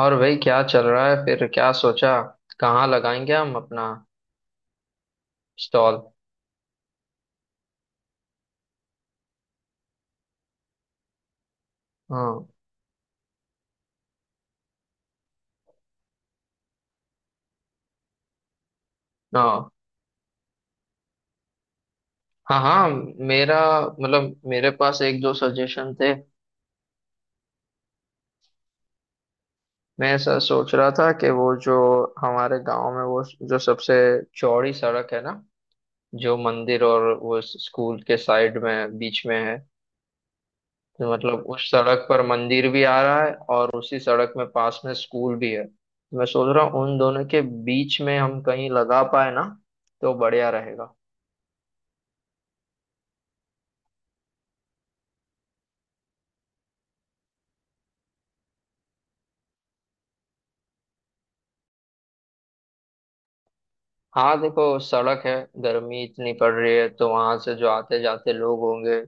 और भाई, क्या चल रहा है? फिर क्या सोचा? कहाँ लगाएंगे हम अपना स्टॉल? हाँ। हाँ। हाँ। हाँ। मेरा मतलब, मेरे पास एक दो सजेशन थे। मैं ऐसा सोच रहा था कि वो जो हमारे गांव में वो जो सबसे चौड़ी सड़क है ना, जो मंदिर और वो स्कूल के साइड में बीच में है। तो मतलब उस सड़क पर मंदिर भी आ रहा है और उसी सड़क में पास में स्कूल भी है। मैं सोच रहा हूँ उन दोनों के बीच में हम कहीं लगा पाए ना तो बढ़िया रहेगा। हाँ, देखो, सड़क है। गर्मी इतनी पड़ रही है तो वहां से जो आते जाते लोग होंगे,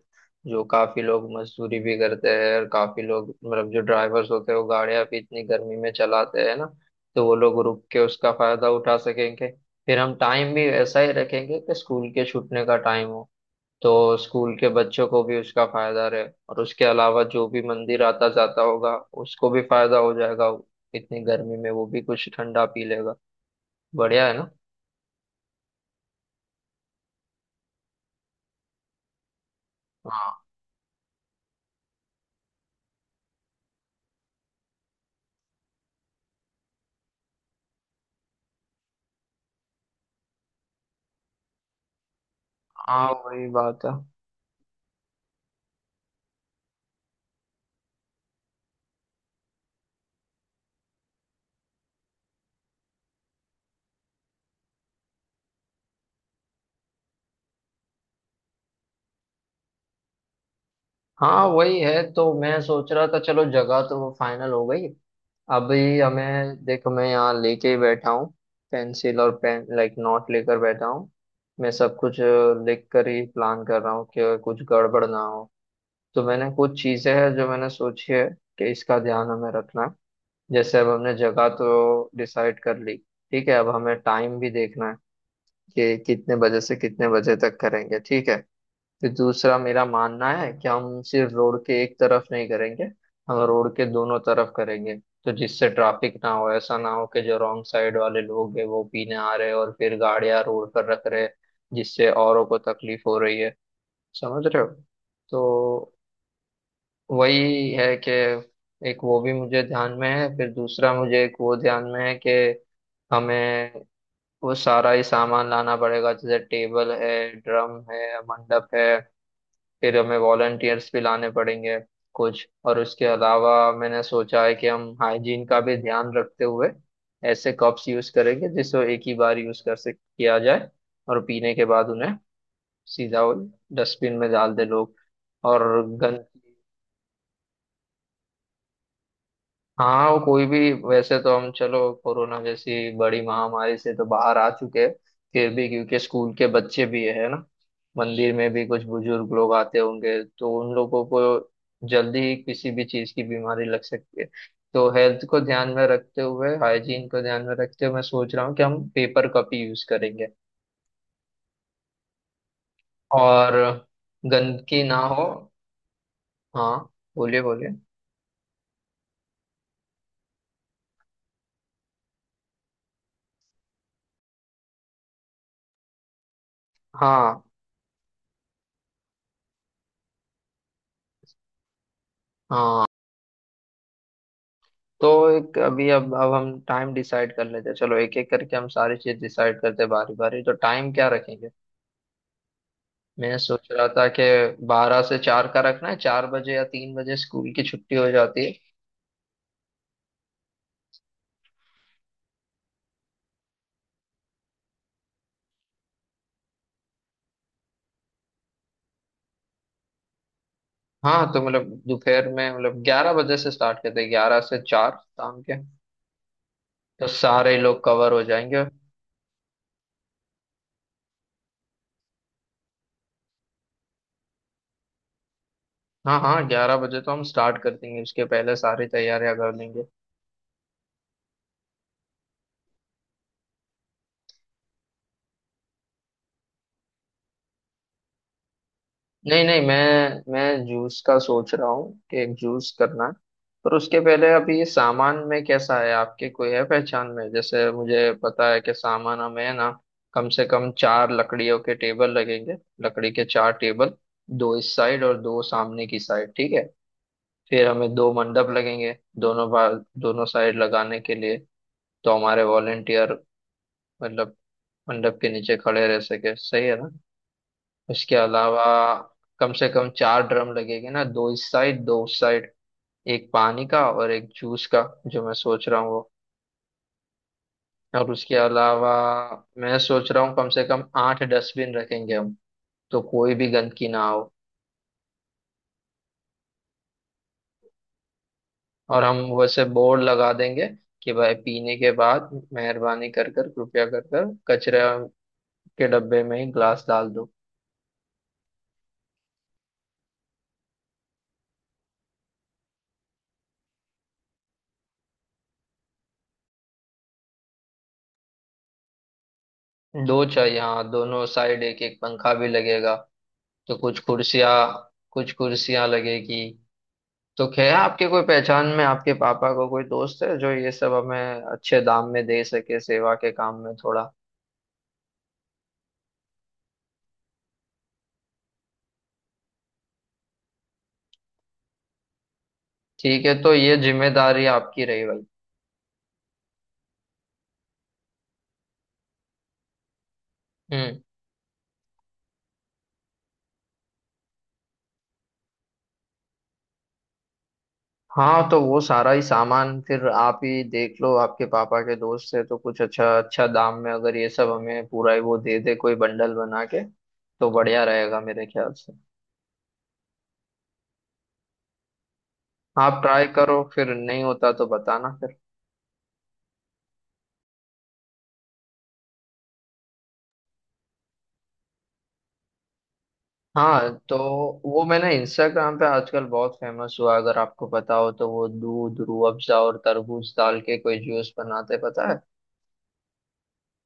जो काफी लोग मजदूरी भी करते हैं, और काफी लोग मतलब जो ड्राइवर्स होते हैं वो गाड़ियां भी इतनी गर्मी में चलाते हैं ना, तो वो लोग रुक के उसका फायदा उठा सकेंगे। फिर हम टाइम भी ऐसा ही रखेंगे कि स्कूल के छूटने का टाइम हो, तो स्कूल के बच्चों को भी उसका फायदा रहे, और उसके अलावा जो भी मंदिर आता जाता होगा उसको भी फायदा हो जाएगा। इतनी गर्मी में वो भी कुछ ठंडा पी लेगा। बढ़िया है ना। हाँ, वही बात है। हाँ वही है, तो मैं सोच रहा था चलो जगह तो वो फाइनल हो गई। अभी हमें देखो, मैं यहाँ लेके ही बैठा हूँ, पेंसिल और पेन लाइक नोट लेकर बैठा हूँ। मैं सब कुछ लिख कर ही प्लान कर रहा हूँ कि कुछ गड़बड़ ना हो। तो मैंने कुछ चीजें हैं जो मैंने सोची है कि इसका ध्यान हमें रखना है। जैसे अब हमने जगह तो डिसाइड कर ली, ठीक है। अब हमें टाइम भी देखना है कि कितने बजे से कितने बजे तक करेंगे, ठीक है। फिर दूसरा मेरा मानना है कि हम सिर्फ रोड के एक तरफ नहीं करेंगे, हम रोड के दोनों तरफ करेंगे, तो जिससे ट्रैफिक ना हो। ऐसा ना हो कि जो रॉन्ग साइड वाले लोग हैं वो पीने आ रहे हैं और फिर गाड़ियां रोड पर रख रहे हैं, जिससे औरों को तकलीफ हो रही है। समझ रहे हो? तो वही है कि एक वो भी मुझे ध्यान में है, फिर दूसरा मुझे एक वो ध्यान में है कि हमें वो सारा ही सामान लाना पड़ेगा, जैसे टेबल है, ड्रम है, मंडप है। फिर हमें वॉलंटियर्स भी लाने पड़ेंगे। कुछ और उसके अलावा मैंने सोचा है कि हम हाइजीन का भी ध्यान रखते हुए ऐसे कप्स यूज करेंगे जिसको एक ही बार यूज कर सक किया जाए, और पीने के बाद उन्हें सीधा डस्टबिन में डाल दे लोग। और गंद। हाँ, वो कोई भी, वैसे तो हम चलो कोरोना जैसी बड़ी महामारी से तो बाहर आ चुके हैं, फिर भी क्योंकि स्कूल के बच्चे भी है ना, मंदिर में भी कुछ बुजुर्ग लोग आते होंगे तो उन लोगों को जल्दी ही किसी भी चीज की बीमारी लग सकती है। तो हेल्थ को ध्यान में रखते हुए, हाइजीन को ध्यान में रखते हुए, मैं सोच रहा हूँ कि हम पेपर कप ही यूज करेंगे, और गंदगी ना हो। हाँ। बोलिए बोलिए। हाँ हाँ। तो एक अभी अब हम टाइम डिसाइड कर लेते हैं। चलो, एक एक करके हम सारी चीज डिसाइड करते हैं, बारी बारी। तो टाइम क्या रखेंगे? मैं सोच रहा था कि 12 से 4 का रखना है। 4 बजे या 3 बजे स्कूल की छुट्टी हो जाती है। हाँ, तो मतलब दोपहर में, मतलब 11 बजे से स्टार्ट करते हैं। 11 से 4 शाम के, तो सारे लोग कवर हो जाएंगे। हाँ हाँ, 11 बजे तो हम स्टार्ट कर देंगे, उसके पहले सारी तैयारियां कर लेंगे। नहीं नहीं, मैं जूस का सोच रहा हूँ कि एक जूस करना है। पर उसके पहले अभी ये सामान में कैसा है? आपके कोई है पहचान में? जैसे मुझे पता है कि सामान हमें है ना। कम से कम चार लकड़ियों के टेबल लगेंगे, लकड़ी के चार टेबल, दो इस साइड और दो सामने की साइड, ठीक है। फिर हमें दो मंडप लगेंगे, दोनों बार दोनों साइड लगाने के लिए, तो हमारे वॉलेंटियर मतलब मंडप के नीचे खड़े रह सके, सही है ना। उसके अलावा कम से कम चार ड्रम लगेंगे ना, दो इस साइड दो उस साइड, एक पानी का और एक जूस का, जो मैं सोच रहा हूँ वो। और उसके अलावा मैं सोच रहा हूँ कम से कम आठ डस्टबिन रखेंगे हम, तो कोई भी गंदगी ना हो। और हम वैसे बोर्ड लगा देंगे कि भाई, पीने के बाद मेहरबानी कर कर कृपया कर कर कचरे के डब्बे में ही ग्लास डाल दो। दो चाहिए। हाँ, दोनों साइड एक एक पंखा भी लगेगा। तो कुछ कुर्सियाँ, कुछ कुर्सियाँ लगेगी। तो क्या आपके कोई पहचान में, आपके पापा को कोई दोस्त है जो ये सब हमें अच्छे दाम में दे सके, सेवा के काम में थोड़ा। ठीक है, तो ये जिम्मेदारी आपकी रही भाई। हम्म। हाँ, तो वो सारा ही सामान फिर आप ही देख लो। आपके पापा के दोस्त है तो कुछ अच्छा, अच्छा दाम में, अगर ये सब हमें पूरा ही वो दे दे कोई बंडल बना के, तो बढ़िया रहेगा मेरे ख्याल से। आप ट्राई करो, फिर नहीं होता तो बताना। हाँ, तो वो मैंने इंस्टाग्राम पे आजकल बहुत फेमस हुआ, अगर आपको पता हो तो, वो दूध रूह अफ़ज़ा और तरबूज डाल के कोई जूस बनाते, पता है?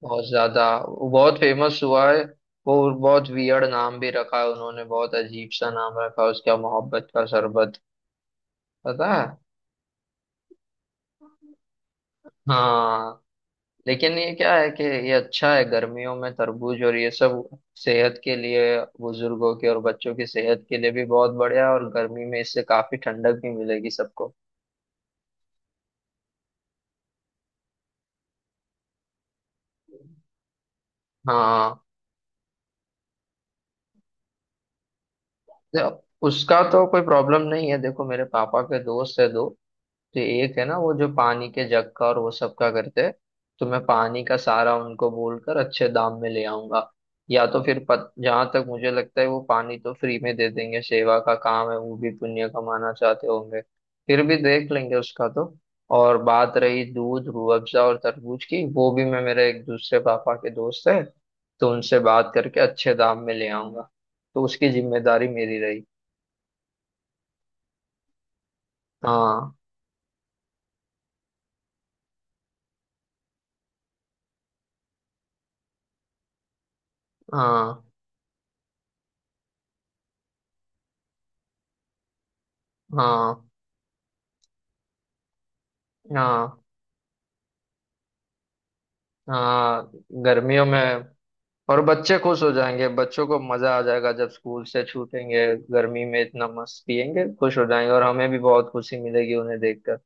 बहुत ज्यादा, वो बहुत फेमस हुआ है। वो बहुत वियर्ड नाम भी रखा है उन्होंने, बहुत अजीब सा नाम रखा है उसका, मोहब्बत का शरबत। पता है। हाँ। लेकिन ये क्या है कि ये अच्छा है गर्मियों में तरबूज और ये सब, सेहत के लिए। बुजुर्गों के और बच्चों की सेहत के लिए भी बहुत बढ़िया है, और गर्मी में इससे काफी ठंडक भी मिलेगी सबको। हाँ। देखो, उसका तो कोई प्रॉब्लम नहीं है। देखो, मेरे पापा के दोस्त है दो। तो एक है ना, वो जो पानी के जग का और वो सब का करते हैं, तो मैं पानी का सारा उनको बोलकर अच्छे दाम में ले आऊंगा। या तो फिर जहां तक मुझे लगता है वो पानी तो फ्री में दे देंगे। सेवा का काम है, वो भी पुण्य कमाना चाहते होंगे। फिर भी देख लेंगे उसका तो। और बात रही दूध रूह अफ़ज़ा और तरबूज की, वो भी मैं, मेरे एक दूसरे पापा के दोस्त है, तो उनसे बात करके अच्छे दाम में ले आऊंगा। तो उसकी जिम्मेदारी मेरी रही। हाँ। हाँ। हाँ। हाँ। हाँ। गर्मियों में और बच्चे खुश हो जाएंगे, बच्चों को मजा आ जाएगा जब स्कूल से छूटेंगे। गर्मी में इतना मस्त पियेंगे, खुश हो जाएंगे, और हमें भी बहुत खुशी मिलेगी उन्हें देखकर।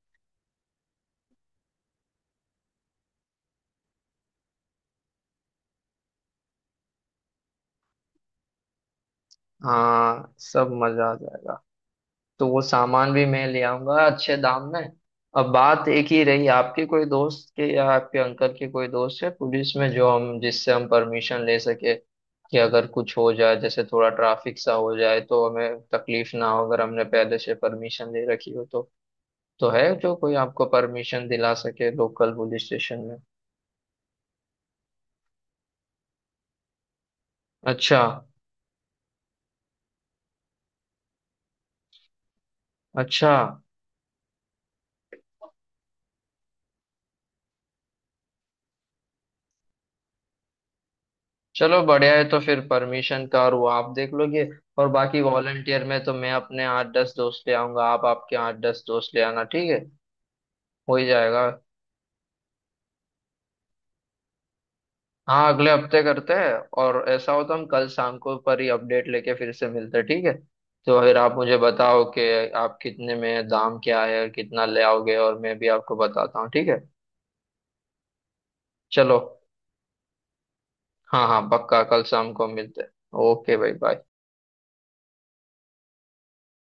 हाँ, सब मजा आ जाएगा। तो वो सामान भी मैं ले आऊंगा अच्छे दाम में। अब बात एक ही रही, आपके कोई दोस्त के या आपके अंकल के कोई दोस्त है पुलिस में, जो हम, जिससे हम परमिशन ले सके कि अगर कुछ हो जाए जैसे थोड़ा ट्रैफिक सा हो जाए तो हमें तकलीफ ना हो, अगर हमने पहले से परमिशन ले रखी हो तो। तो है जो कोई आपको परमिशन दिला सके लोकल पुलिस स्टेशन में? अच्छा। अच्छा। चलो बढ़िया है। तो फिर परमिशन का और वो आप देख लोगे, और बाकी वॉलंटियर में तो मैं अपने आठ दस दोस्त ले आऊंगा, आप आपके आठ दस दोस्त ले आना, ठीक है। हो ही जाएगा। हाँ, अगले हफ्ते करते हैं। और ऐसा हो तो हम कल शाम को पर ही अपडेट लेके फिर से मिलते हैं, ठीक है। तो फिर आप मुझे बताओ कि आप कितने में, दाम क्या है और कितना ले आओगे, और मैं भी आपको बताता हूँ, ठीक है। चलो। हाँ हाँ, पक्का कल शाम को मिलते हैं। ओके भाई, बाय।